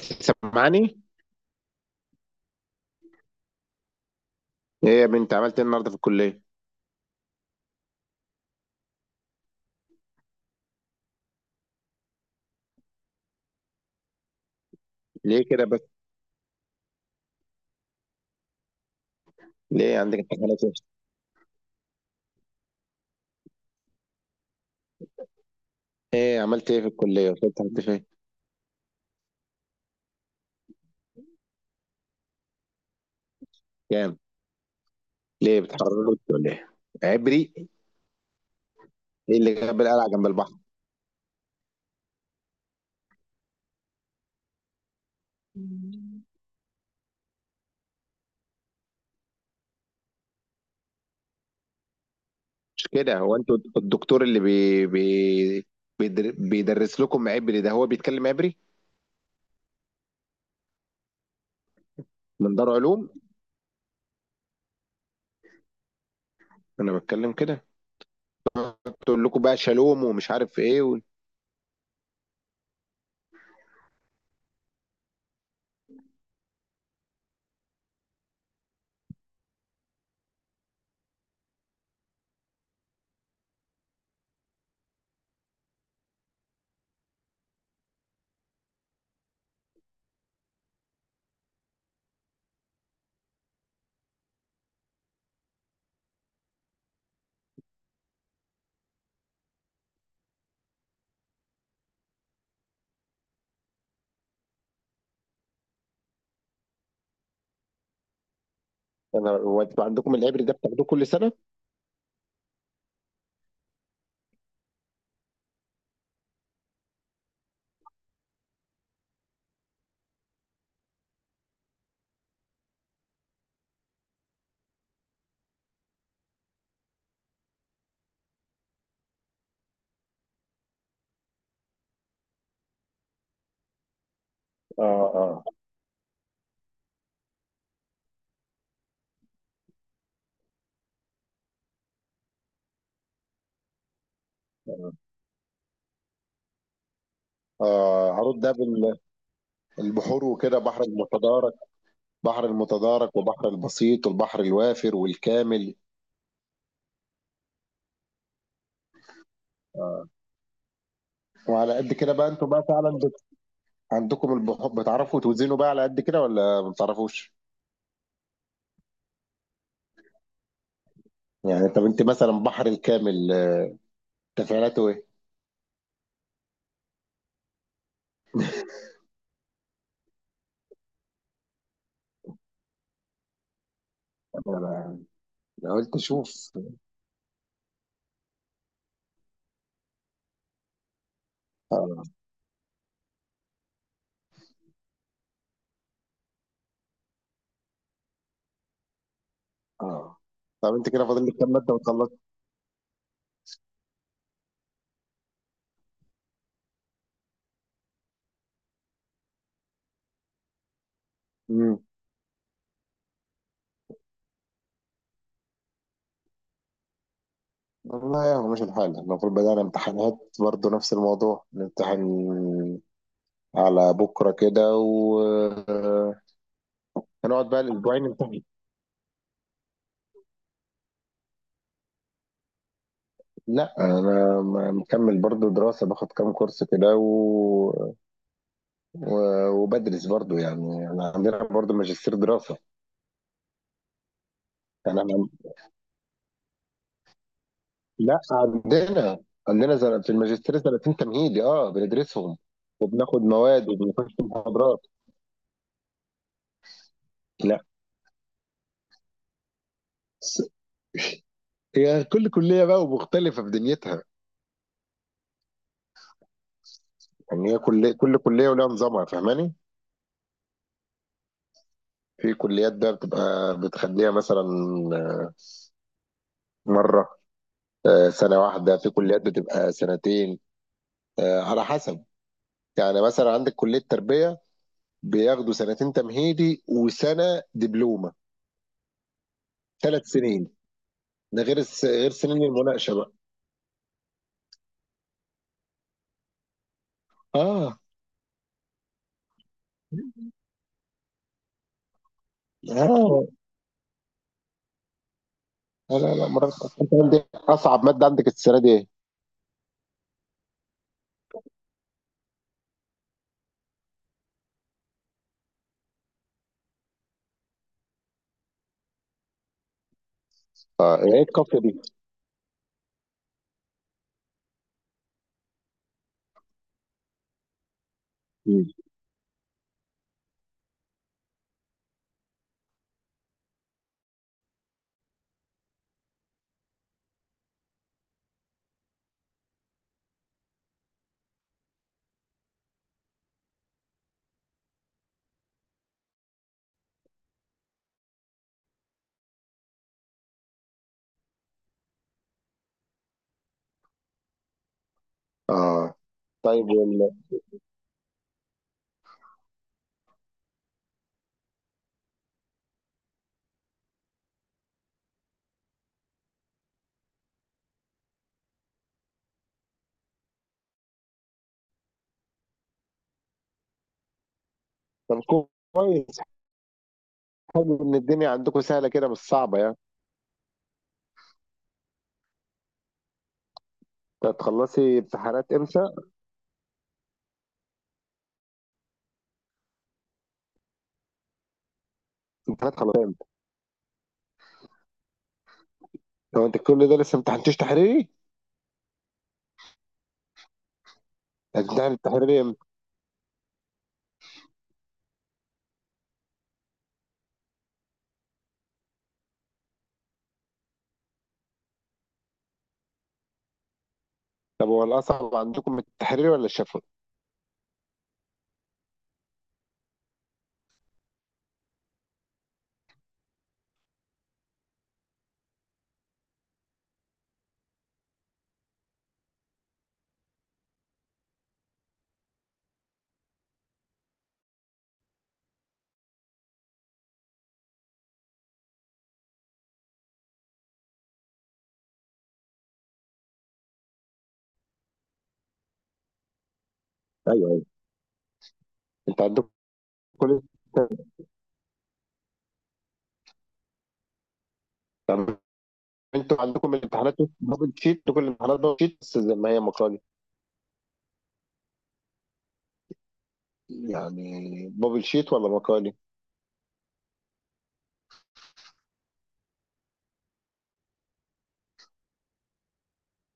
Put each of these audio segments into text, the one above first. سامعني؟ ايه يا بنت عملت ايه النهارده في الكلية؟ ليه كده بس؟ ليه عندك امتحانات ايه؟ ايه عملت ايه في الكلية؟ وصلت لحد فين؟ كام؟ ليه بتحرروا ولا ايه؟ عبري. ايه اللي جاب القلعة جنب البحر؟ مش كده، هو انتوا الدكتور اللي بي بي بيدرس لكم عبري، ده هو بيتكلم عبري. من دار علوم. انا بتكلم كده. تقول لكم بقى شالوم ومش عارف ايه. انا، هو انتوا عندكم العبري ده بتاخدوه كل سنة؟ اه. اه. اه. عروض ده البحور وكده بحر المتضارع، بحر المتدارك وبحر البسيط والبحر الوافر والكامل. وعلى قد كده بقى انتوا بقى فعلا عندكم البحر بتعرفوا توزنوا بقى على قد كده ولا ما بتعرفوش؟ يعني طب انت مثلا بحر الكامل، تفعيلاته ايه؟ انا قلت اشوف. اه. اه. طب انت كده فاضل لك كام ماده وتخلص؟ امم. والله يا مش الحال، المفروض بدأنا امتحانات برضو، نفس الموضوع نمتحن على بكره كده، وهنقعد بقى الاسبوعين نمتحن. لا انا مكمل برضو دراسه، باخد كام كورس كده و... وبدرس برضو. يعني انا عندنا برضو ماجستير دراسه. يعني انا، لا عندنا، عندنا في الماجستير سنتين تمهيدي، بندرسهم، وبناخد مواد وبنخش محاضرات. لا، س- هي كل كليه بقى ومختلفه في دنيتها. يعني هي كل كليه ولها نظامها، فاهماني؟ في كليات بقى بتبقى بتخليها مثلا مره، سنه واحده، في كليات بتبقى سنتين، على حسب. يعني مثلا عندك كلية تربية، بياخدوا سنتين تمهيدي وسنة دبلومة، ثلاث سنين. ده غير غير سنين المناقشة بقى. اه. اه. لا لا لا مرات. انت عندك اصعب مادة عندك السنة دي ايه؟ اه، ايه الكافية دي؟ مم. اه، طيب طب كويس. حلو ان الدنيا عندكم سهلة كده، مش صعبة يعني. انت هتخلصي امتحانات امتى؟ امتحانات خلاص امتى؟ طب انت كل ده لسه ما امتحنتيش تحريري؟ هتمتحن التحريري امتى؟ طب هو الاصعب عندكم التحريري ولا الشفوي؟ ايوه. انت عندكم، كل، طب انتوا عندكم الامتحانات بابل شيت، كل الامتحانات بابل شيت بس زي ما هي مقالي؟ يعني بابل شيت ولا مقالي؟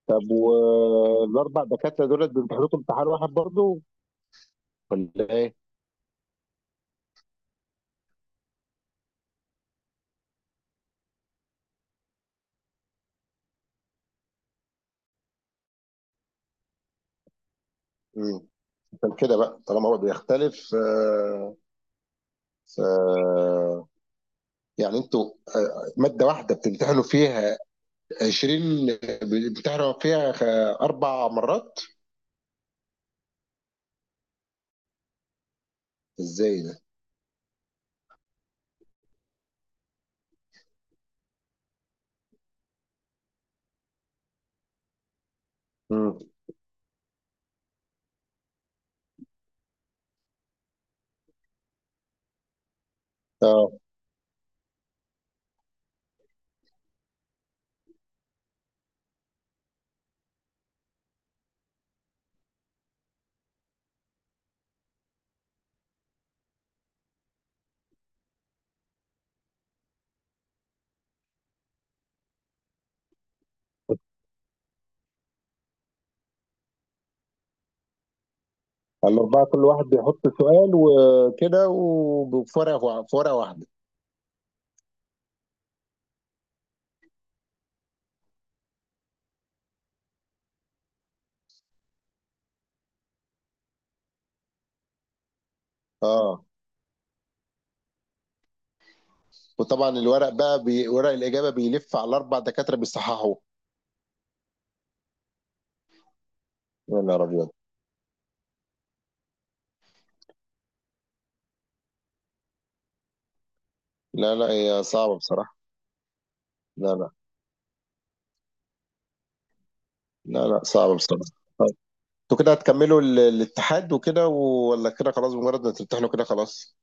طب والاربع دكاتره دول بيمتحنوكم امتحان واحد برضه ولا ايه؟ مم. عشان كده بقى طالما هو بيختلف، ف، يعني انتوا، ماده واحده بتمتحنوا فيها 20، بتمتحنوا فيها اربع مرات. ازاي ده؟ مم. اه. الأربعة كل واحد بيحط سؤال وكده، وبفرق، فرقة واحدة. اه، وطبعا الورق بقى ورق الإجابة بيلف على الأربع دكاترة بيصححوه. يا نهار أبيض. لا لا، هي صعبة بصراحة. لا لا. لا، لا صعبة بصراحة. طيب انتوا كده هتكملوا الاتحاد وكده، ولا كده خلاص بمجرد ما تمتحنوا كده خلاص؟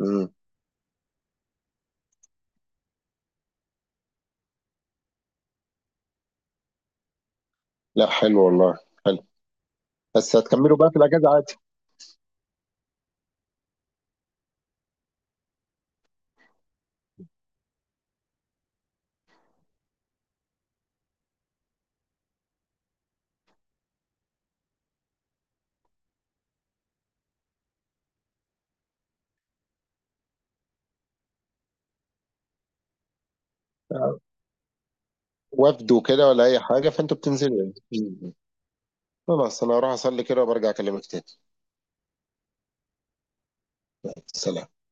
امم. لا حلو والله. حلو. بس هتكملوا بقى في الأجازة عادي؟ وفد وكده ولا أي حاجة، فأنتوا بتنزلوا يعني. مم. خلاص، أنا هروح أصلي كده وبرجع أكلمك تاني. سلام.